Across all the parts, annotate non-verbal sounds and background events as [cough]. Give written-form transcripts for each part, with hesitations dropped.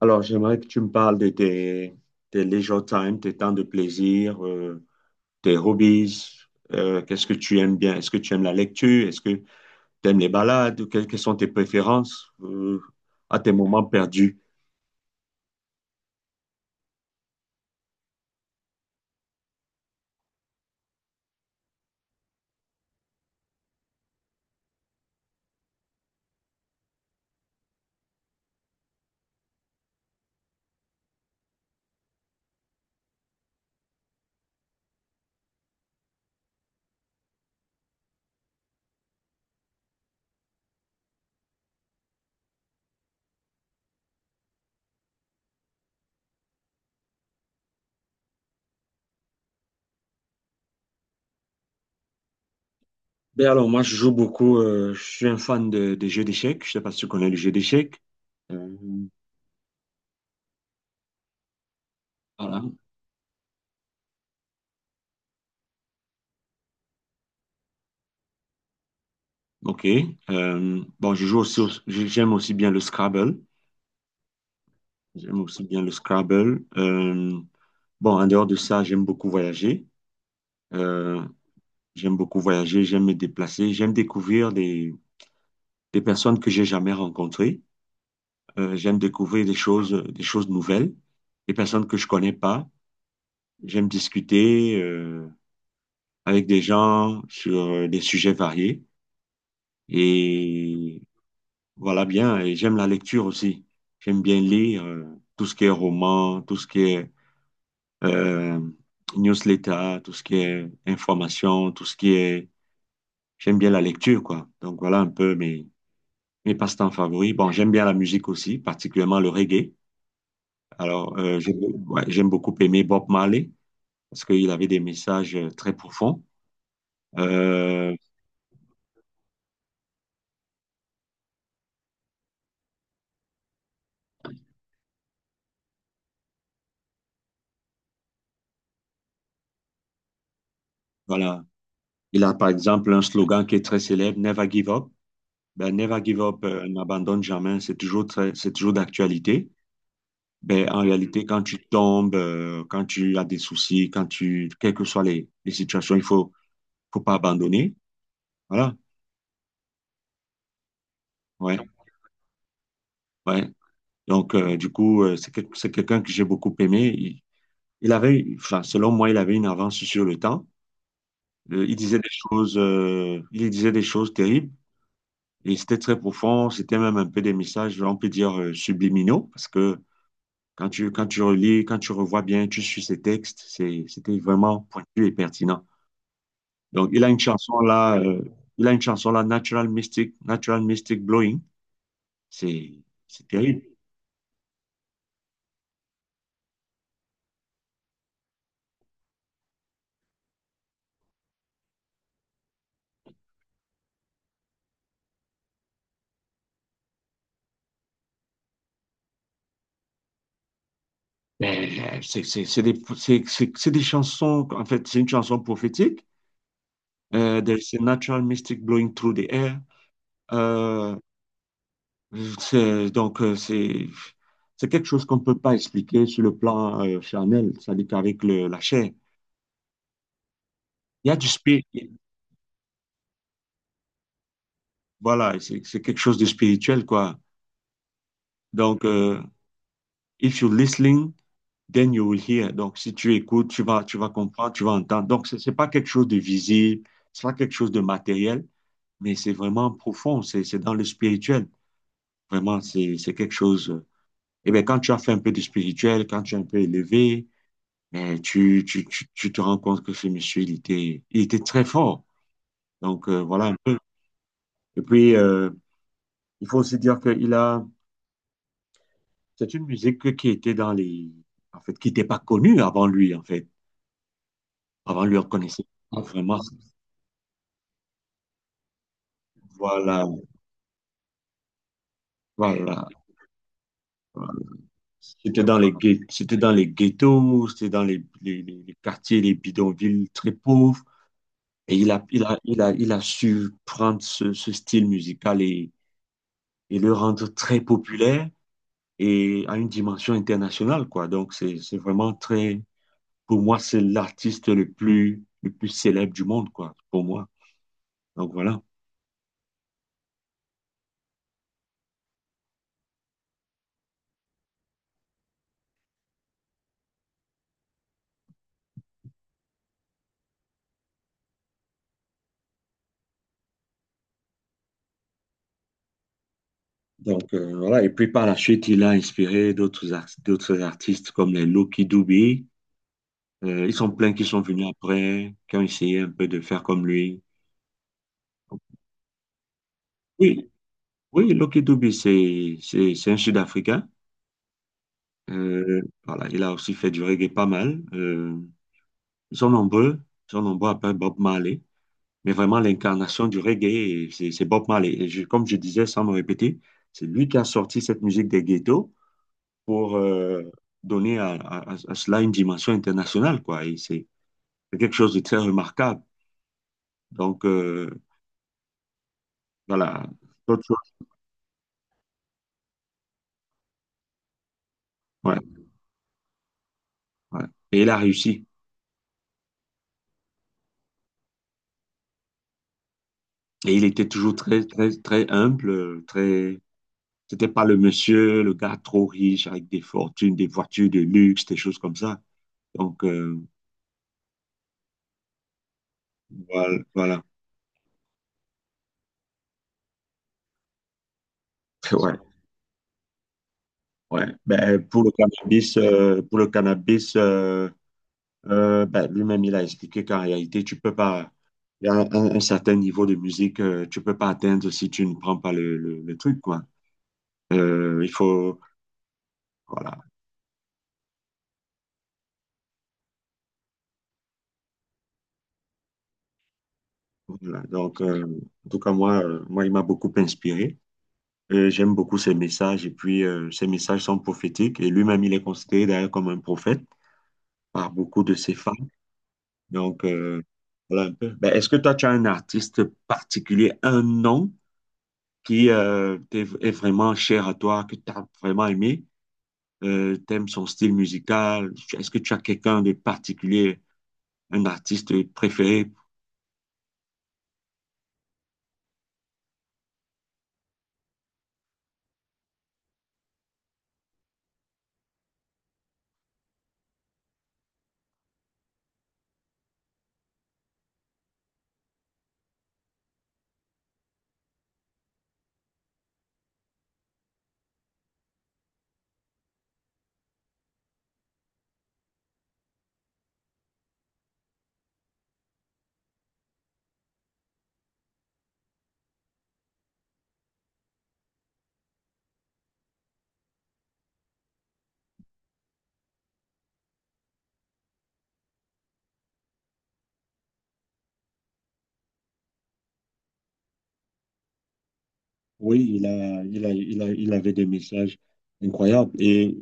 Alors, j'aimerais que tu me parles de tes leisure time, tes temps de plaisir, tes hobbies. Qu'est-ce que tu aimes bien? Est-ce que tu aimes la lecture? Est-ce que tu aimes les balades? Quelles sont tes préférences, à tes moments perdus? Ben alors, moi, je joue beaucoup. Je suis un fan des jeux d'échecs. Je sais pas si tu connais le jeu d'échecs. Euh, voilà. OK. Bon, je joue aussi, j'aime aussi bien le Scrabble. J'aime aussi bien le Scrabble. Bon, en dehors de ça, j'aime beaucoup voyager. Euh, J'aime beaucoup voyager, j'aime me déplacer, j'aime découvrir des personnes que j'ai jamais rencontrées. J'aime découvrir des choses nouvelles, des personnes que je connais pas. J'aime discuter avec des gens sur des sujets variés. Et voilà bien. Et j'aime la lecture aussi. J'aime bien lire tout ce qui est roman, tout ce qui est euh, newsletter, tout ce qui est information, tout ce qui est... J'aime bien la lecture, quoi. Donc voilà un peu mes passe-temps favoris. Bon, j'aime bien la musique aussi, particulièrement le reggae. Alors, ouais, j'aime beaucoup aimer Bob Marley parce qu'il avait des messages très profonds. Euh, voilà. Il a par exemple un slogan qui est très célèbre, Never give up. Ben, Never give up, n'abandonne jamais. C'est toujours très, c'est toujours d'actualité. Ben, en réalité, quand tu tombes, quand tu as des soucis, quand tu, quelles que soient les situations, il faut, faut pas abandonner. Voilà. Ouais. Ouais. Donc, du coup, c'est quelqu'un que j'ai beaucoup aimé. Il avait, enfin, selon moi, il avait une avance sur le temps. Il disait des choses, il disait des choses terribles et c'était très profond. C'était même un peu des messages, on peut dire, subliminaux parce que quand tu relis, quand tu revois bien, tu suis ses textes, c'était vraiment pointu et pertinent. Donc, il a une chanson là, Natural Mystic, Natural Mystic Blowing. C'est, c'est terrible. Mais, c'est des chansons, en fait, c'est une chanson prophétique. There is a natural mystic blowing through the air. Euh, c'est, donc, euh, c'est, c'est quelque chose qu'on ne peut pas expliquer sur le plan charnel, c'est-à-dire qu'avec la chair. Il y a du spirit, voilà, c'est quelque chose de spirituel, quoi. Donc, if you're listening, then you will hear. Donc, si tu écoutes, tu vas comprendre, tu vas entendre. Donc, ce n'est pas quelque chose de visible, ce n'est pas quelque chose de matériel, mais c'est vraiment profond, c'est dans le spirituel. Vraiment, c'est quelque chose. Et bien, quand tu as fait un peu de spirituel, quand tu es un peu élevé, eh, tu te rends compte que ce monsieur, il était très fort. Donc, voilà un peu. Et puis, il faut aussi dire c'est une musique qui était en fait, qui n'était pas connue avant lui, en fait. Avant lui, on connaissait pas vraiment, voilà, voilà. Voilà. C'était c'était dans les ghettos, c'était dans les quartiers, les bidonvilles très pauvres. Et il a su prendre ce style musical et le rendre très populaire et à une dimension internationale, quoi. Donc, c'est vraiment très, pour moi, c'est l'artiste le plus célèbre du monde, quoi, pour moi. Donc, voilà. Donc, voilà. Et puis, par la suite, il a inspiré d'autres artistes comme les Lucky Dube. Ils sont pleins qui sont venus après, qui ont essayé un peu de faire comme lui. Oui, oui, Lucky Dube, c'est un Sud-Africain. Voilà, il a aussi fait du reggae pas mal. Ils sont nombreux. Ils sont nombreux après Bob Marley. Mais vraiment l'incarnation du reggae, et c'est Bob Marley. Comme je disais, sans me répéter, c'est lui qui a sorti cette musique des ghettos pour donner à cela une dimension internationale, quoi. Et c'est quelque chose de très remarquable. Donc, voilà, autre chose, ouais, ouais. Et il a réussi. Et il était toujours très humble, très... C'était pas le monsieur, le gars trop riche, avec des fortunes, des voitures de luxe, des choses comme ça. Donc, voilà. Voilà. [laughs] Ouais. Ouais, ben, pour le cannabis, ben, lui-même, il a expliqué qu'en réalité, tu peux pas, il y a un certain niveau de musique, tu peux pas atteindre si tu ne prends pas le truc, quoi. Il faut, voilà. Voilà. Donc, en tout cas, moi, il m'a beaucoup inspiré. J'aime beaucoup ses messages, et puis ses messages sont prophétiques, et lui-même, il est considéré d'ailleurs comme un prophète par beaucoup de ses fans. Donc, voilà un peu. Ben, est-ce que toi, tu as un artiste particulier, un nom qui est vraiment cher à toi, que tu as vraiment aimé, t'aimes son style musical. Est-ce que tu as quelqu'un de particulier, un artiste préféré? Oui, il avait des messages incroyables. Et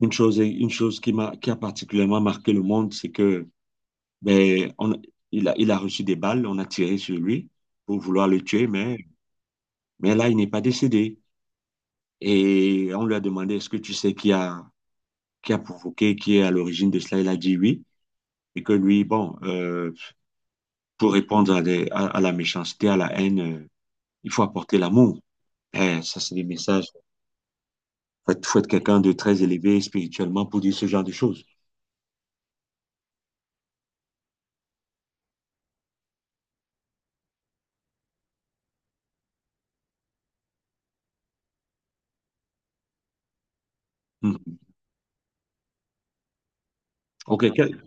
une chose qui a particulièrement marqué le monde, c'est que, ben, on, il a reçu des balles, on a tiré sur lui pour vouloir le tuer, mais là, il n'est pas décédé. Et on lui a demandé, est-ce que tu sais qui a provoqué, qui est à l'origine de cela? Il a dit oui. Et que lui, bon, pour répondre à la méchanceté, à la haine, il faut apporter l'amour. Eh, ça, c'est des messages. Il faut, faut être quelqu'un de très élevé spirituellement pour dire ce genre de choses. Mhm. OK.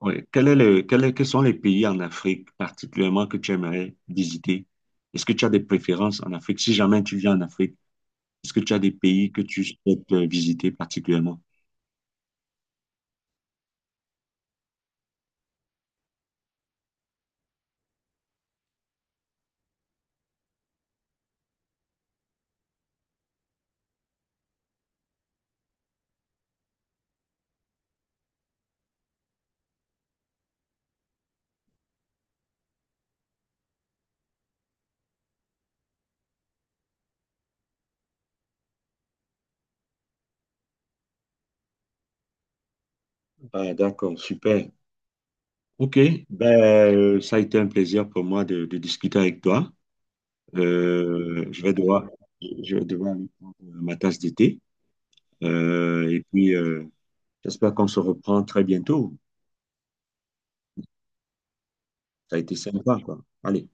Ouais. Quel est quels sont les pays en Afrique particulièrement que tu aimerais visiter? Est-ce que tu as des préférences en Afrique si jamais tu viens en Afrique? Est-ce que tu as des pays que tu souhaites visiter particulièrement? Ah, d'accord, super. Ok, ben, ça a été un plaisir pour moi de discuter avec toi. Euh, je vais devoir, je vais devoir aller prendre ma tasse de thé. Et puis, j'espère qu'on se reprend très bientôt. Ça a été sympa, quoi. Allez.